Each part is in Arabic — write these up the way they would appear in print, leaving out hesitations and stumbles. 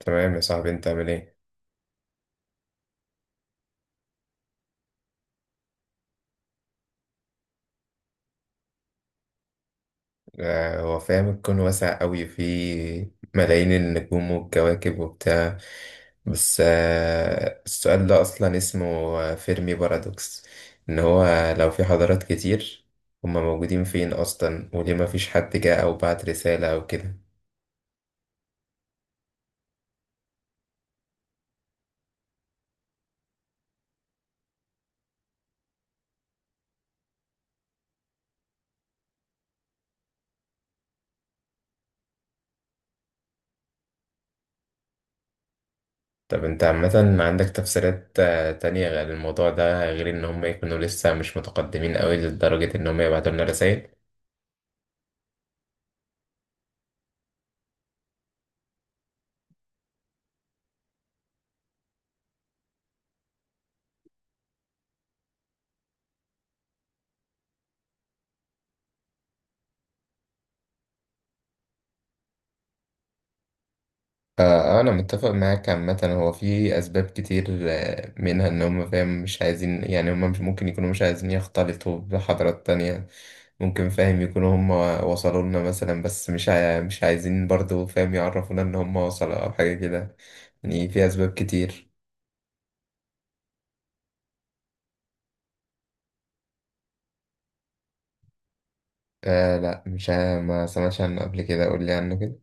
تمام يا صاحبي، انت عامل ايه؟ هو فاهم الكون واسع قوي، فيه ملايين النجوم والكواكب وبتاع. بس السؤال ده اصلا اسمه فيرمي بارادوكس، ان هو لو في حضارات كتير، هما موجودين فين اصلا، وليه ما فيش حد جه او بعت رسالة او كده؟ طب انت عامة عندك تفسيرات تانية غير الموضوع ده، غير ان هما يكونوا لسه مش متقدمين قوي لدرجة ان هما يبعتوا لنا رسائل؟ آه، أنا متفق معاك عامة، هو في أسباب كتير، منها إن هم فاهم مش عايزين، يعني هم مش ممكن يكونوا مش عايزين يختلطوا بحضارات تانية. ممكن فاهم يكونوا هم وصلوا لنا مثلا، بس مش عايزين برضو فاهم يعرفونا إن هم وصلوا أو حاجة كده، يعني في أسباب كتير. لا، مش عا- ما سمعتش عنه قبل كده، قول لي عنه كده.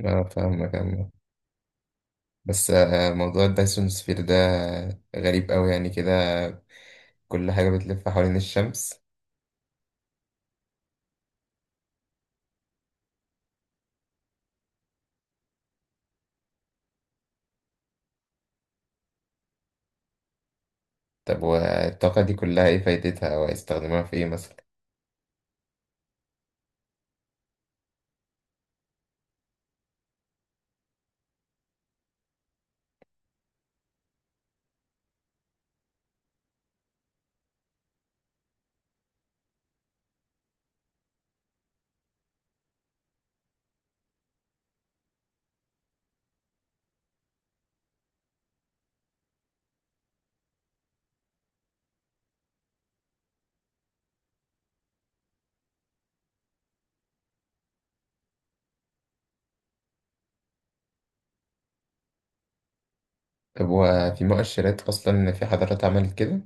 أنا فاهمك عامة. بس موضوع الدايسون سفير ده غريب أوي يعني كده، كل حاجة بتلف حوالين الشمس. طب والطاقة دي كلها إيه فايدتها وهيستخدموها في إيه مثلا؟ طب وفي مؤشرات أصلا في حضارات عملت كده؟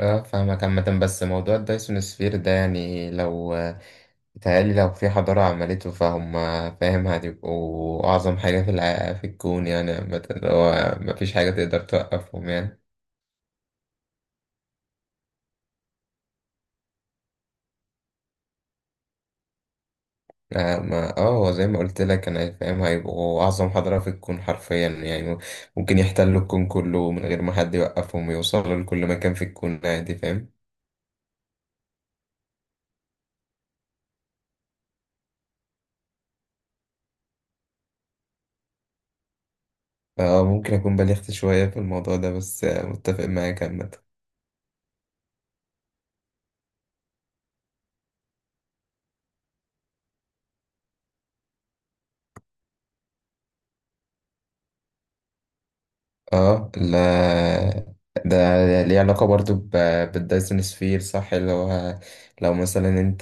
أه، فاهمك عامة. بس موضوع الدايسون سفير ده، يعني لو بيتهيألي لو في حضارة عملته فاهم هتبقوا أعظم حاجة في الكون يعني، عامة هو مفيش حاجة تقدر توقفهم يعني. ما هو زي ما قلت لك، انا فاهم هيبقوا اعظم حضاره في الكون حرفيا يعني، ممكن يحتلوا الكون كله من غير ما حد يوقفهم، يوصلوا لكل مكان في الكون عادي فاهم. اه، ممكن اكون بلغت شوية في الموضوع ده، بس متفق معاك عامة. اه لا، ده ليه علاقة برضو بالدايسون سفير صح، اللي هو لو مثلا انت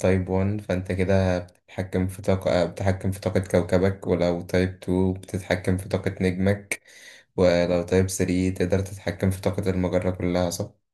تايب 1 فانت كده بتتحكم في طاقة كوكبك، ولو تايب 2 بتتحكم في طاقة نجمك، ولو تايب 3 تقدر تتحكم في طاقة المجرة كلها صح؟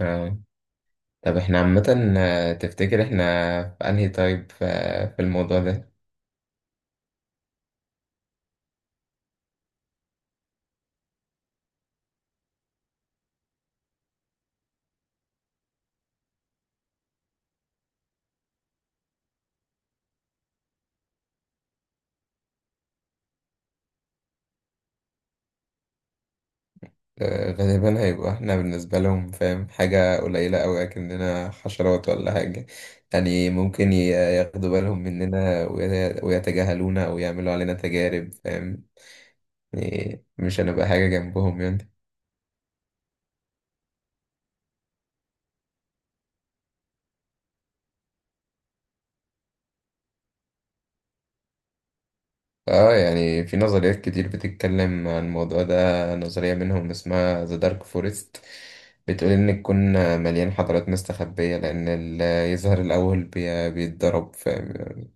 آه. طب احنا عامة تفتكر احنا في انهي تايب في الموضوع ده؟ غالبا هيبقى احنا بالنسبة لهم فاهم حاجة قليلة أوي أكننا حشرات ولا حاجة. يعني ممكن ياخدوا بالهم مننا ويتجاهلونا، أو يعملوا علينا تجارب فاهم، يعني مش هنبقى حاجة جنبهم يعني. اه يعني في نظريات كتير بتتكلم عن الموضوع ده، نظرية منهم اسمها The Dark Forest، بتقول إن الكون مليان حضارات مستخبية، لأن اللي يظهر الأول بيتضرب فاهم،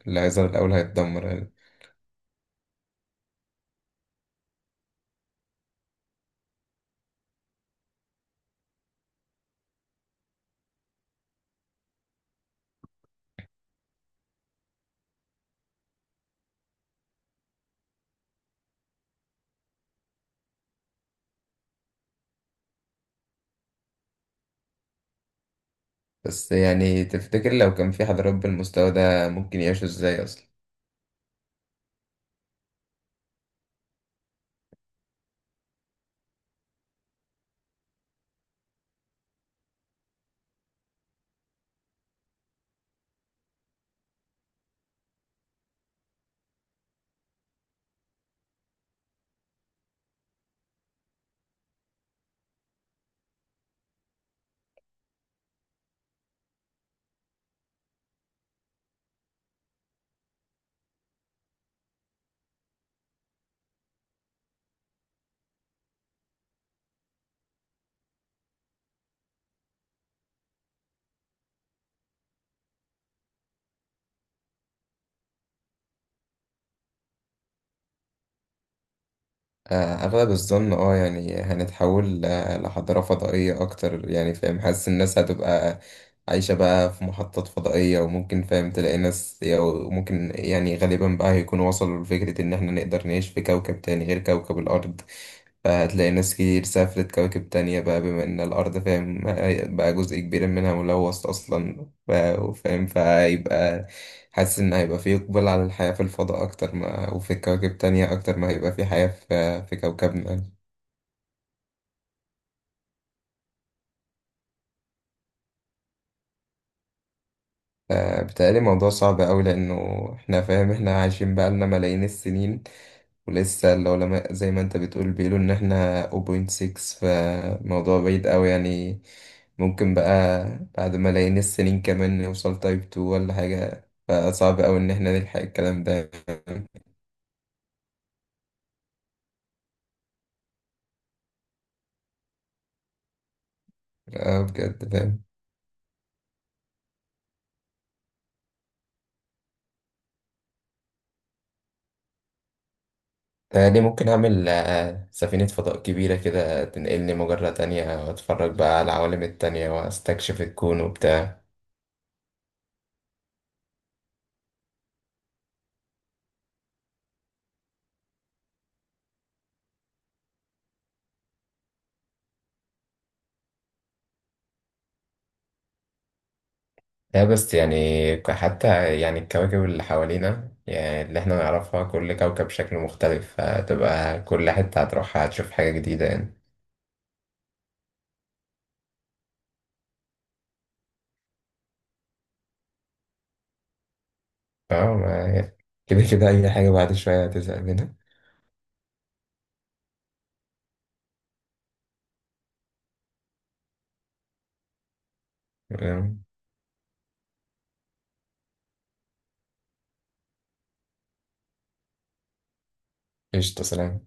اللي هيظهر الأول هيتدمر. بس يعني تفتكر لو كان في حضارات بالمستوى ده ممكن يعيشوا ازاي اصلا؟ اغلب الظن اه يعني هنتحول لحضارة فضائية اكتر يعني فاهم، حاسس الناس هتبقى عايشة بقى في محطات فضائية، وممكن فاهم تلاقي ناس، أو ممكن يعني غالبا بقى هيكونوا وصلوا لفكرة إن إحنا نقدر نعيش في كوكب تاني غير كوكب الأرض. فهتلاقي ناس كتير سافرت كواكب تانية بقى، بما إن الأرض فاهم بقى جزء كبير منها ملوث أصلا، فاهم، فهيبقى حاسس ان هيبقى في اقبال على الحياة في الفضاء اكتر، ما وفي كواكب تانية اكتر ما هيبقى في حياة في كوكبنا. ف- بتهيألي الموضوع صعب أوي، لأنه إحنا فاهم إحنا عايشين بقالنا ملايين السنين، ولسه العلماء زي ما أنت بتقول بيقولوا إن إحنا 0.6، فموضوع بعيد أوي يعني، ممكن بقى بعد ملايين السنين كمان نوصل تايب 2 ولا حاجة، فصعب أوي إن إحنا نلحق الكلام ده يعني. بجد فاهم. تهيألي ممكن أعمل سفينة فضاء كبيرة كده تنقلني مجرة تانية، وأتفرج بقى على العوالم التانية وأستكشف الكون وبتاع. لا بس يعني حتى يعني الكواكب اللي حوالينا، يعني اللي احنا نعرفها، كل كوكب شكله مختلف، هتبقى كل حتة هتروحها هتشوف حاجة جديدة يعني. اه كده كده أي حاجة بعد شوية هتزهق منها. آه، قشطة. سلام.